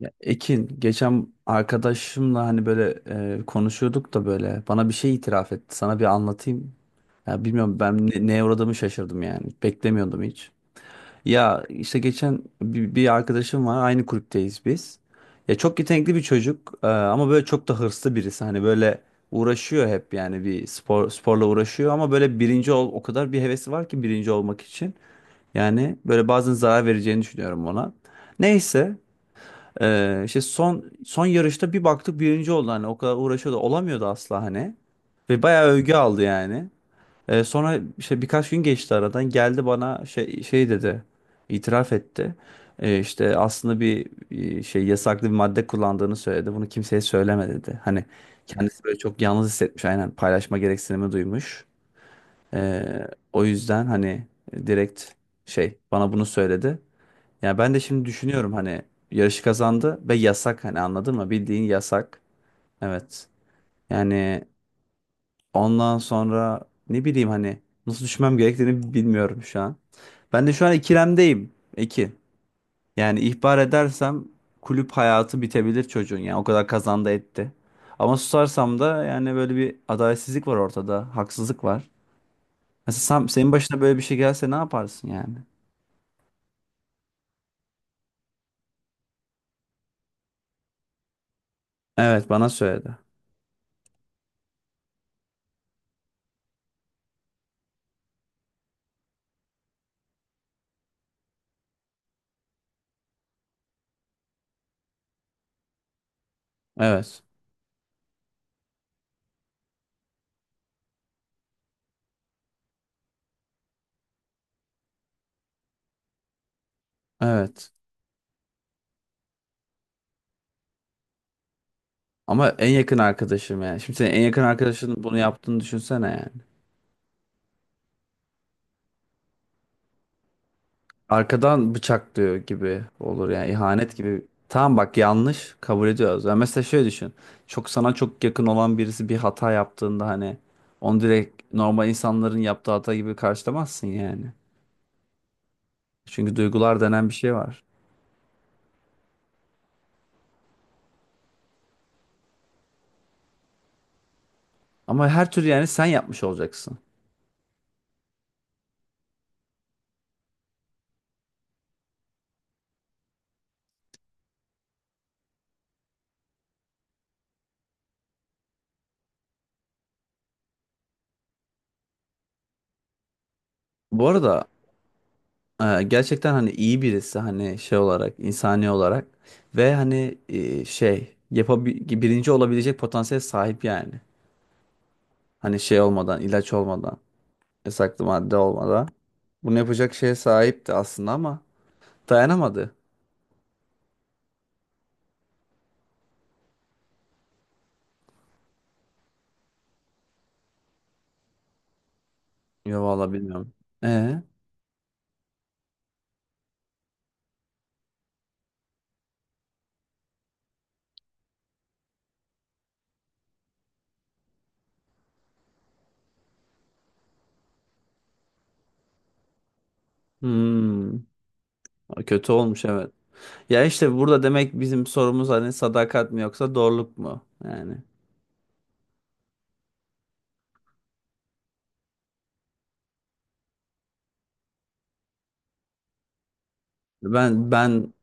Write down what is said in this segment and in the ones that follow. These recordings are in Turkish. Ya Ekin geçen arkadaşımla hani böyle konuşuyorduk da böyle bana bir şey itiraf etti. Sana bir anlatayım. Ya bilmiyorum neye uğradığımı şaşırdım yani. Beklemiyordum hiç. Ya işte geçen bir arkadaşım var. Aynı kulüpteyiz biz. Ya çok yetenekli bir çocuk ama böyle çok da hırslı birisi. Hani böyle uğraşıyor hep yani bir spor sporla uğraşıyor ama böyle birinci ol o kadar bir hevesi var ki birinci olmak için. Yani böyle bazen zarar vereceğini düşünüyorum ona. Neyse işte son yarışta bir baktık birinci oldu hani o kadar uğraşıyordu olamıyordu asla hani. Ve bayağı övgü aldı yani. Sonra işte birkaç gün geçti aradan geldi bana şey dedi. İtiraf etti. İşte aslında şey yasaklı bir madde kullandığını söyledi. Bunu kimseye söyleme dedi. Hani kendisi böyle çok yalnız hissetmiş, aynen, paylaşma gereksinimi duymuş. Ee, O yüzden hani direkt şey bana bunu söyledi. Yani ben de şimdi düşünüyorum hani yarışı kazandı ve yasak, hani anladın mı? Bildiğin yasak. Evet. Yani ondan sonra ne bileyim hani nasıl düşmem gerektiğini bilmiyorum şu an. Ben de şu an ikilemdeyim. İki. Yani ihbar edersem kulüp hayatı bitebilir çocuğun, yani o kadar kazandı etti. Ama susarsam da yani böyle bir adaletsizlik var ortada. Haksızlık var. Mesela senin başına böyle bir şey gelse ne yaparsın yani? Evet, bana söyledi. Evet. Evet. Ama en yakın arkadaşım yani. Şimdi senin en yakın arkadaşın bunu yaptığını düşünsene yani. Arkadan bıçaklıyor gibi olur yani, ihanet gibi. Tamam bak, yanlış, kabul ediyoruz. Yani mesela şöyle düşün. Çok yakın olan birisi bir hata yaptığında hani onu direkt normal insanların yaptığı hata gibi karşılamazsın yani. Çünkü duygular denen bir şey var. Ama her türlü yani sen yapmış olacaksın. Bu arada gerçekten hani iyi birisi, hani şey olarak, insani olarak ve hani şey yapabi birinci olabilecek potansiyel sahip yani. Hani şey olmadan, ilaç olmadan, yasaklı madde olmadan bunu yapacak şeye sahipti aslında ama dayanamadı. Ya vallahi bilmiyorum. E hmm, Kötü olmuş, evet. Ya işte burada demek bizim sorumuz hani sadakat mi yoksa doğruluk mu yani. Ben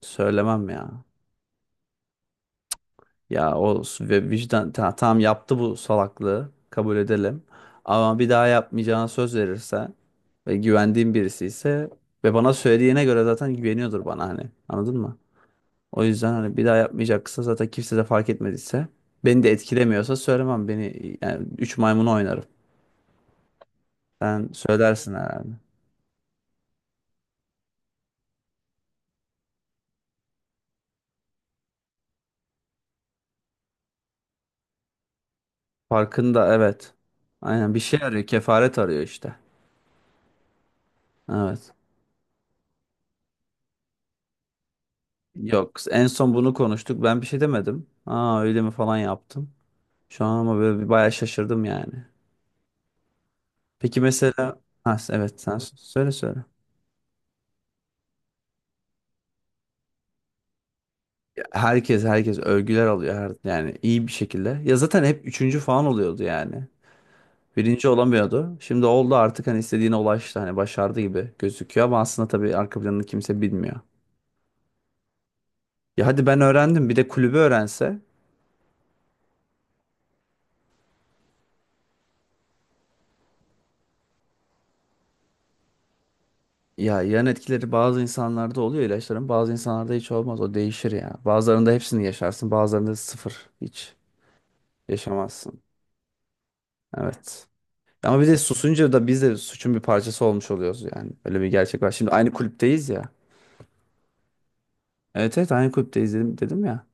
söylemem ya. Ya vicdan tamam, yaptı bu salaklığı, kabul edelim. Ama bir daha yapmayacağına söz verirse ve güvendiğim birisi ise ve bana söylediğine göre zaten güveniyordur bana hani, anladın mı? O yüzden hani bir daha yapmayacaksa, zaten kimse de fark etmediyse, beni de etkilemiyorsa söylemem, beni yani, üç maymunu oynarım. Sen söylersin herhalde. Farkında, evet. Aynen, bir şey arıyor, kefaret arıyor işte. Evet. Yok, en son bunu konuştuk, ben bir şey demedim. Aa öyle mi falan yaptım. Şu an ama böyle bir bayağı şaşırdım yani. Peki mesela ha, evet sen söyle. Ya herkes övgüler alıyor her, yani iyi bir şekilde. Ya zaten hep üçüncü falan oluyordu yani. Birinci olamıyordu. Şimdi oldu artık, hani istediğine ulaştı, hani başardı gibi gözüküyor ama aslında tabii arka planını kimse bilmiyor. Ya hadi ben öğrendim, bir de kulübü öğrense. Ya yan etkileri bazı insanlarda oluyor ilaçların, bazı insanlarda hiç olmaz, o değişir ya. Bazılarında hepsini yaşarsın, bazılarında sıfır, hiç yaşamazsın. Evet. Ama bir de susunca da biz de suçun bir parçası olmuş oluyoruz yani. Öyle bir gerçek var. Şimdi aynı kulüpteyiz ya. Evet evet, aynı kulüpteyiz dedim ya.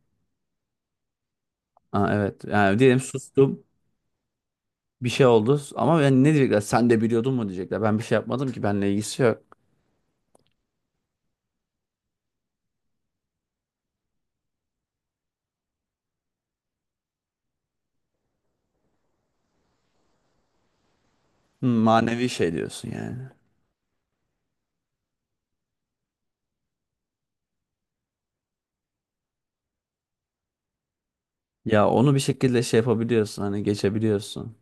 Aa, evet, yani diyelim sustum, bir şey oldu, ama yani ne diyecekler, sen de biliyordun mu diyecekler. Ben bir şey yapmadım ki, benimle ilgisi yok. Hı, manevi şey diyorsun yani. Ya onu bir şekilde şey yapabiliyorsun hani, geçebiliyorsun.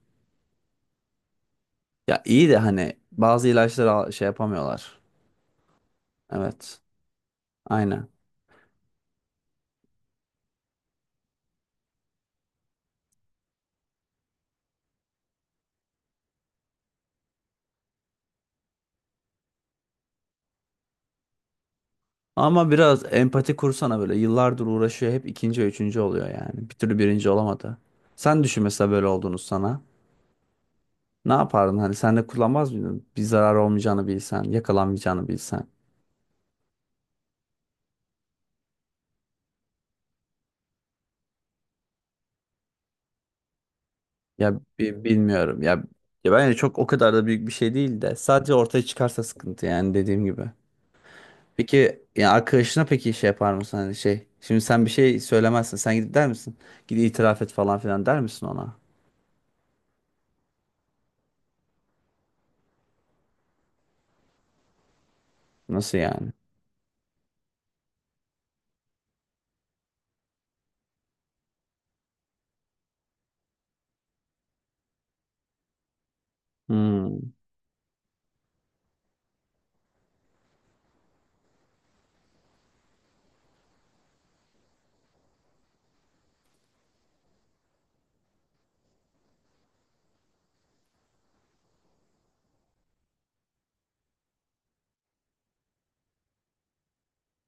Ya iyi de hani bazı ilaçları şey yapamıyorlar. Evet, aynen. Ama biraz empati kursana böyle. Yıllardır uğraşıyor. Hep ikinci ve üçüncü oluyor yani. Bir türlü birinci olamadı. Sen düşün mesela böyle olduğunu sana. Ne yapardın? Hani sen de kullanmaz mıydın? Bir zarar olmayacağını bilsen, yakalanmayacağını bilsen. Bilmiyorum. Ya bence çok, o kadar da büyük bir şey değil de. Sadece ortaya çıkarsa sıkıntı yani, dediğim gibi. Peki ya arkadaşına peki şey yapar mısın? Hani şey. Şimdi sen bir şey söylemezsin. Sen gidip der misin? Git itiraf et falan filan der misin ona? Nasıl yani? Hmm.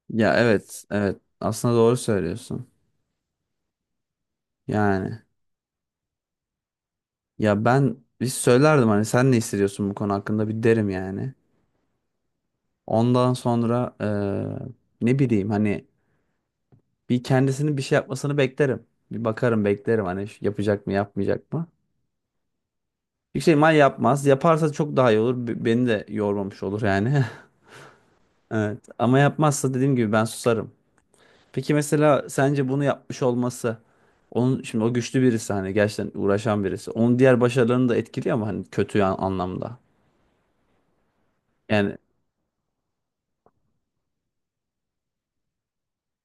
Ya evet, evet. Aslında doğru söylüyorsun. Yani ya ben bir söylerdim hani, sen ne hissediyorsun bu konu hakkında bir derim yani. Ondan sonra ne bileyim hani bir kendisinin bir şey yapmasını beklerim. Bir bakarım, beklerim hani yapacak mı, yapmayacak mı. Bir şey yapmaz. Yaparsa çok daha iyi olur. Beni de yormamış olur yani. Evet. Ama yapmazsa dediğim gibi ben susarım. Peki mesela sence bunu yapmış olması, onun şimdi o güçlü birisi hani, gerçekten uğraşan birisi. Onun diğer başarılarını da etkiliyor ama hani kötü anlamda. Yani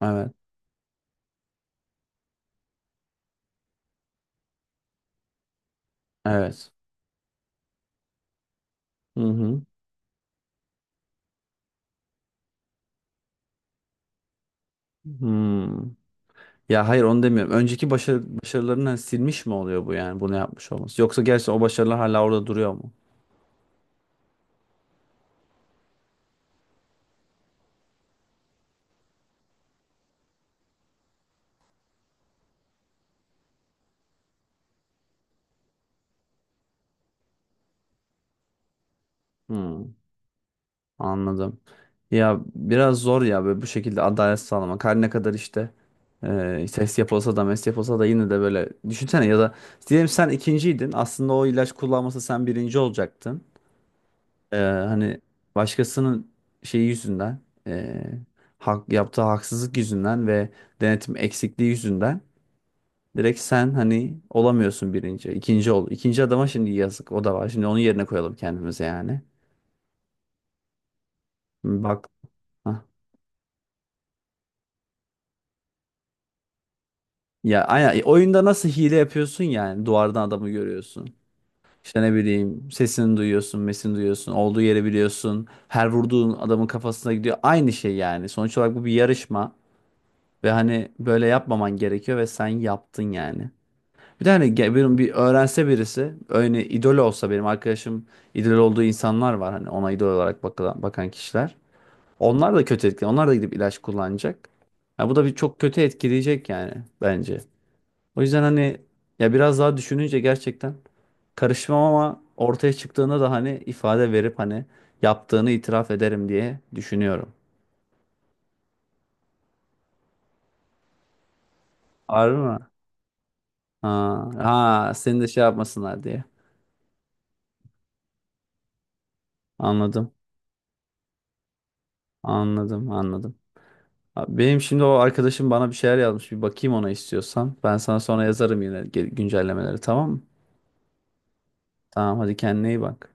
evet. Evet. Hı hı. Hmm. Ya hayır, onu demiyorum. Önceki başarılarını hani silmiş mi oluyor bu yani bunu yapmış olması? Yoksa gerçi o başarılar hala orada duruyor mu? Hmm. Anladım. Ya biraz zor ya böyle bu şekilde adalet sağlamak. Her ne kadar işte ses yapılsa da mes yapılsa da yine de böyle düşünsene, ya da diyelim sen ikinciydin. Aslında o ilaç kullanmasa sen birinci olacaktın. Hani başkasının şeyi yüzünden, e, yaptığı haksızlık yüzünden ve denetim eksikliği yüzünden direkt sen hani olamıyorsun birinci. İkinci ol. İkinci adama şimdi yazık, o da var. Şimdi onun yerine koyalım kendimize yani. Bak. Ya aynen, oyunda nasıl hile yapıyorsun yani, duvardan adamı görüyorsun. İşte ne bileyim, sesini duyuyorsun, mesini duyuyorsun, olduğu yeri biliyorsun. Her vurduğun adamın kafasına gidiyor. Aynı şey yani. Sonuç olarak bu bir yarışma ve hani böyle yapmaman gerekiyor ve sen yaptın yani. Bir de hani benim bir öğrense birisi, öyle idol olsa benim arkadaşım, idol olduğu insanlar var hani, ona idol olarak bakılan, bakan kişiler. Onlar da kötü etkili. Onlar da gidip ilaç kullanacak. Ya bu da bir çok kötü etkileyecek yani, bence. O yüzden hani ya biraz daha düşününce gerçekten karışmam, ama ortaya çıktığında da hani ifade verip hani yaptığını itiraf ederim diye düşünüyorum. Harbi mi? Ha, ha seni de şey yapmasınlar diye. Anladım. Anladım, anladım. Abi, benim şimdi o arkadaşım bana bir şeyler yazmış. Bir bakayım ona, istiyorsan. Ben sana sonra yazarım yine güncellemeleri, tamam mı? Tamam hadi, kendine iyi bak.